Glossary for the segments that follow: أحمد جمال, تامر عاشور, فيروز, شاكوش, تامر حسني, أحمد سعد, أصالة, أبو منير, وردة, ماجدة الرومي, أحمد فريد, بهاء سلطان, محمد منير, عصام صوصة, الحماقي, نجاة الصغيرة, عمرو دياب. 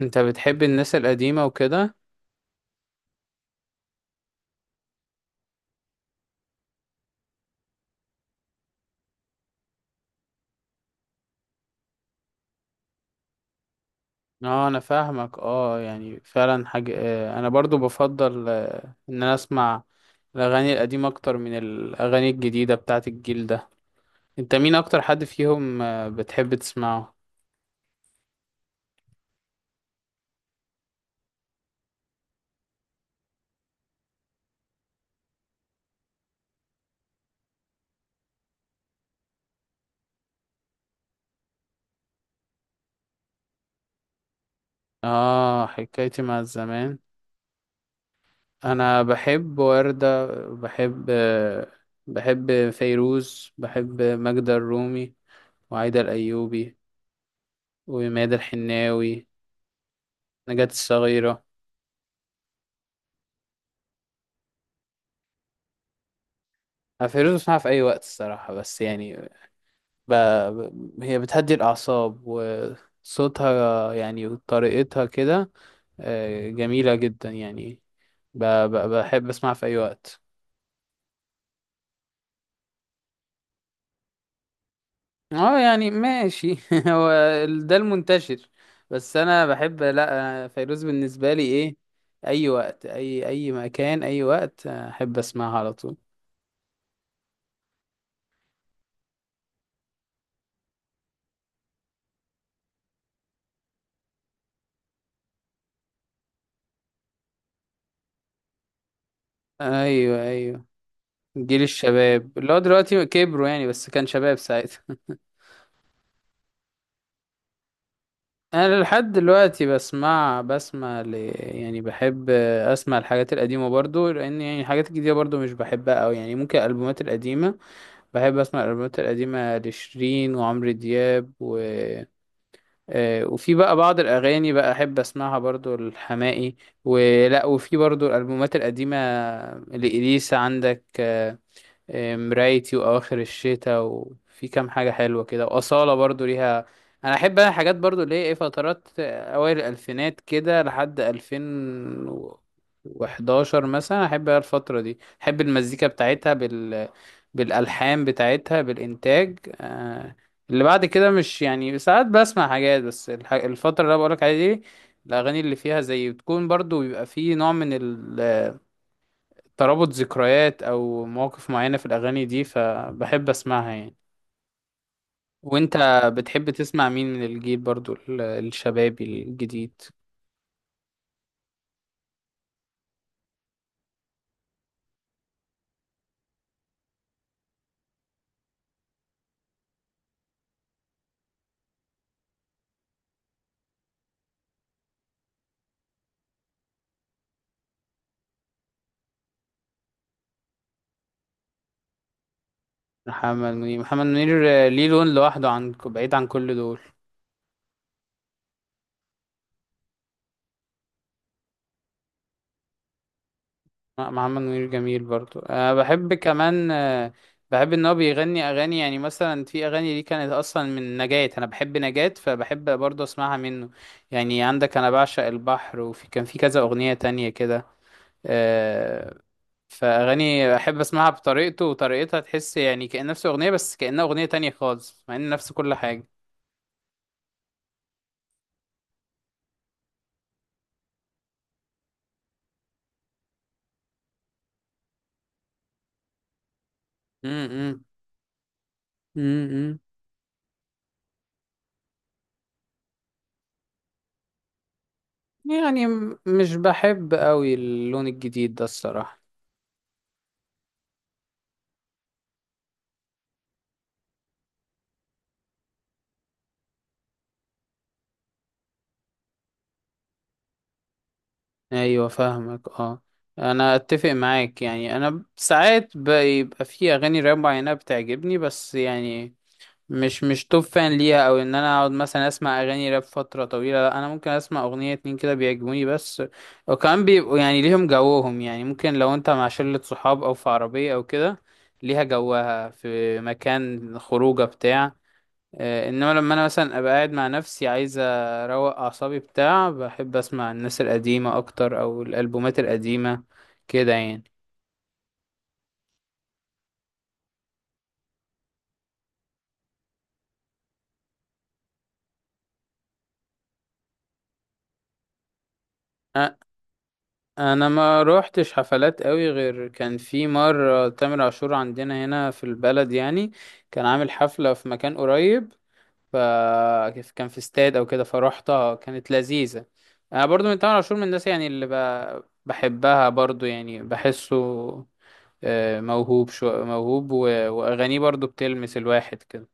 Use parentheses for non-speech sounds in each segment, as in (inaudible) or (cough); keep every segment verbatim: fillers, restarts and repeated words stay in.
انت بتحب الناس القديمة وكده. اه انا فاهمك، اه يعني فعلا حاجة، اه انا برضو بفضل اه ان انا اسمع الاغاني القديمة اكتر من الاغاني الجديدة بتاعت الجيل ده. انت مين اكتر حد فيهم اه بتحب تسمعه؟ اه حكايتي مع الزمان. انا بحب وردة، بحب اه، بحب فيروز، بحب ماجدة الرومي وعايدة الايوبي وميادة الحناوي، نجاة الصغيرة. أنا فيروز بسمعها في أي وقت الصراحة، بس يعني ب... ب... هي بتهدي الأعصاب وصوتها يعني وطريقتها كده، آه، جميلة جدا يعني. ب... ب... بحب أسمعها في أي وقت. اه يعني ماشي (laughs) هو ال- ده المنتشر. بس أنا بحب، لأ، فيروز بالنسبة لي إيه، أي وقت، أي أي مكان، أي وقت، آه، أحب أسمعها على طول. أيوه أيوه، جيل الشباب اللي هو دلوقتي كبروا يعني بس كان شباب ساعتها. انا لحد دلوقتي بسمع بسمع ل... يعني بحب اسمع الحاجات القديمه برضو، لان يعني الحاجات الجديده برضو مش بحبها قوي، يعني ممكن الالبومات القديمه، بحب اسمع الالبومات القديمه لشيرين وعمرو دياب و... آه، وفي بقى بعض الاغاني بقى احب اسمعها برضو، الحماقي ولا، وفي برضو الالبومات القديمه لإليسا، عندك آه، مرايتي واواخر الشتاء، وفي كام حاجه حلوه كده، واصاله برضو ليها. انا احب، انا حاجات برضو اللي هي ايه، فترات اوائل الالفينات كده لحد ألفين وحداشر مثلا، احب أنا الفتره دي، احب المزيكا بتاعتها بال بالالحان بتاعتها بالانتاج آه، اللي بعد كده مش يعني، ساعات بسمع حاجات بس، الح- الفتره اللي انا بقولك عليها دي، الاغاني اللي فيها زي بتكون برضو، بيبقى فيه نوع من ال ترابط ذكريات او مواقف معينة في الاغاني دي، فبحب اسمعها يعني. وانت بتحب تسمع مين من الجيل برضو ال- الشبابي الجديد؟ محمد منير محمد منير آه، ليه لون لوحده، عن بعيد عن كل دول. لا، محمد منير جميل برضو، أه بحب كمان آه، بحب ان هو بيغني اغاني يعني مثلا، في اغاني دي كانت اصلا من نجاة، انا بحب نجاة فبحب برضو اسمعها منه، يعني عندك انا بعشق البحر، وفي كان في كذا اغنية تانية كده آه، فاغاني احب اسمعها بطريقته وطريقتها، تحس يعني كأن نفس اغنيه بس كأنها اغنيه تانية خالص مع ان نفس كل حاجه. امم امم يعني م- مش بحب قوي اللون الجديد ده الصراحه. ايوه فاهمك اه، انا اتفق معاك يعني، انا ساعات بيبقى في اغاني راب معينه بتعجبني، بس يعني مش مش توب فان ليها، او ان انا اقعد مثلا اسمع اغاني راب فتره طويله، لا، انا ممكن اسمع اغنيه اتنين كده بيعجبوني بس. وكمان بيبقوا يعني ليهم جوهم، يعني ممكن لو انت مع شله صحاب او في عربيه او كده، ليها جوها في مكان خروجه بتاع آه، انما لما انا مثلا ابقى قاعد مع نفسي عايز اروق اعصابي بتاع، بحب اسمع الناس القديمه اكتر او الالبومات القديمه كده يعني. انا ما روحتش حفلات قوي، غير كان في مره تامر عاشور عندنا هنا في البلد يعني، كان عامل حفله في مكان قريب، ف كان في استاد او كده فروحتها، كانت لذيذه. انا برضو من تامر عاشور، من الناس يعني اللي ب... بحبها برضو، يعني بحسه آه، موهوب، شو موهوب و... واغانيه برضو بتلمس الواحد كده.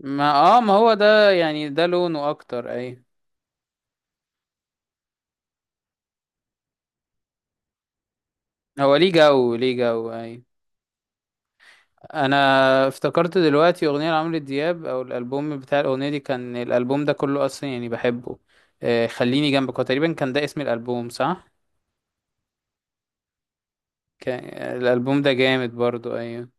ما اه ما هو ده يعني، ده لونه اكتر اي. هو ليه جو ليه جو اي. انا افتكرت دلوقتي اغنيه لعمرو دياب، او الالبوم بتاع الاغنيه دي كان الالبوم ده كله اصلا يعني بحبه، آه، خليني جنبك، هو تقريبا كان ده اسم الالبوم صح؟ كان الالبوم ده جامد برضو، ايوه،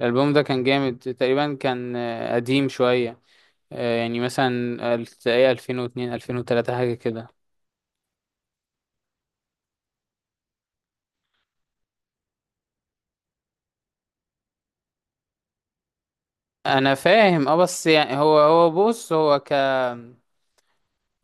الالبوم ده كان جامد تقريبا، كان آه، قديم شويه آه، يعني مثلا ال- تلاقيه ألفين واثنين ألفين وثلاثة حاجه كده. انا فاهم اه، بس يعني هو هو بص، هو ك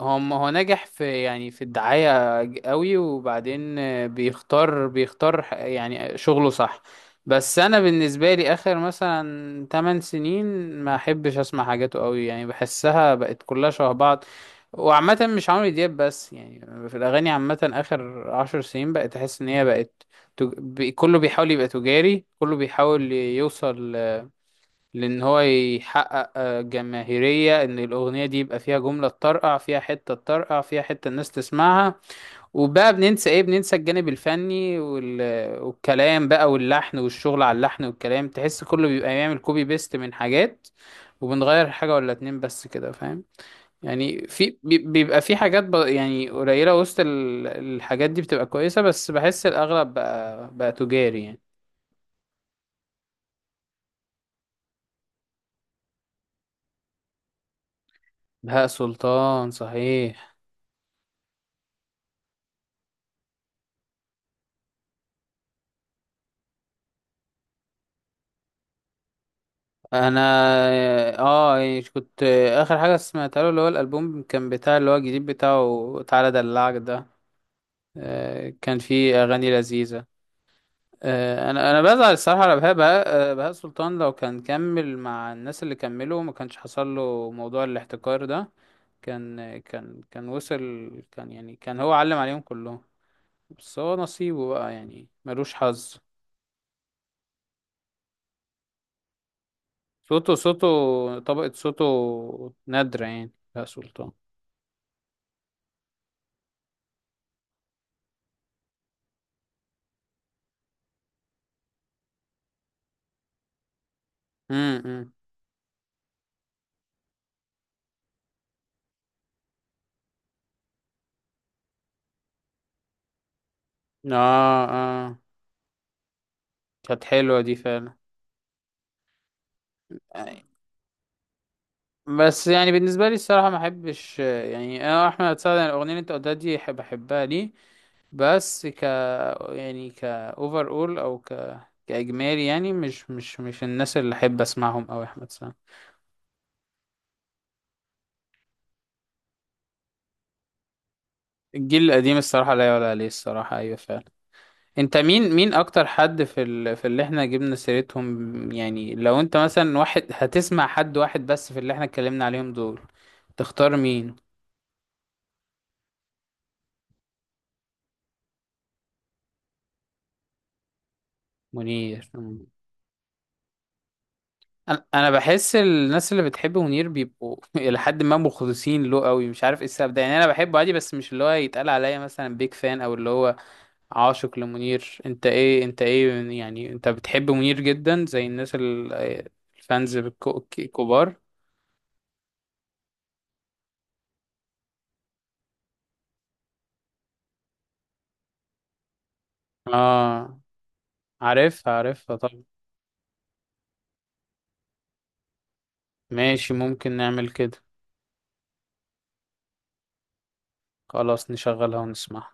هو ما هو ناجح في يعني في الدعاية ج- قوي، وبعدين آه، بيختار بيختار ح- يعني شغله صح. بس انا بالنسبة لي اخر مثلا 8 سنين ما احبش اسمع حاجاته قوي يعني، بحسها بقت كلها شبه بعض. وعامة مش عمرو دياب بس يعني، في الاغاني عامة اخر 10 سنين بقت احس ان هي بقت تج... بي... كله بيحاول يبقى تجاري، كله بيحاول يوصل، لان هو يحقق آه، جماهيرية، ان الاغنية دي يبقى فيها جملة تطرقع، فيها حتة تطرقع، فيها حتة الناس تسمعها، وبقى بننسى ايه، بننسى الجانب الفني وال... والكلام بقى، واللحن والشغل على اللحن والكلام، تحس كله بيبقى بيعمل كوبي بيست من حاجات، وبنغير حاجة ولا اتنين بس كده فاهم يعني. في بي- بيبقى في حاجات ب... يعني قليلة وسط ال- الحاجات دي بتبقى كويسة، بس بحس الاغلب بقى بقى تجاري يعني. بهاء سلطان صحيح. انا اه إيه، كنت، اخر حاجه سمعتها له اللي هو الالبوم، كان بتاع اللي هو الجديد بتاعه تعالى ادلعك ده آه، كان فيه اغاني لذيذه آه، انا انا بزعل الصراحه على بهاء بهاء آه، بهاء سلطان لو كان كمل مع الناس اللي كملوا، ما كانش حصل له موضوع الاحتكار ده، كان كان كان وصل، كان يعني كان هو علم عليهم كلهم، بس هو نصيبه بقى يعني ملوش حظ. صوته صوته طبقه صوته نادره يعني بهاء سلطان. اه اه كانت حلوة دي فعلا. بس يعني بالنسبة لي الصراحة ما احبش يعني، انا احمد سعد يعني الاغنية اللي انت قلتها دي أحب- بحبها ليه، بس ك يعني ك اوفر اول او ك... كاجمالي يعني مش مش مش الناس اللي احب اسمعهم او احمد سعد. الجيل القديم الصراحة لا يعلى عليه الصراحة، ايوه فعلا. انت مين مين اكتر حد في ال... في اللي احنا جبنا سيرتهم يعني، لو انت مثلا واحد هتسمع حد واحد بس في اللي احنا اتكلمنا عليهم دول، تختار مين؟ منير، انا أنا بحس الناس اللي بتحب منير بيبقوا (laughs) الى حد ما مخلصين له قوي، مش عارف ايه السبب ده يعني، انا بحبه عادي بس مش اللي هو يتقال عليا مثلا بيج فان، او اللي هو عاشق لمنير. انت ايه انت ايه يعني، انت بتحب منير جدا زي الناس ال- الفانز الكو- الكبار؟ اه عارفها عارفها، طب ماشي ممكن نعمل كده، خلاص نشغلها ونسمعها.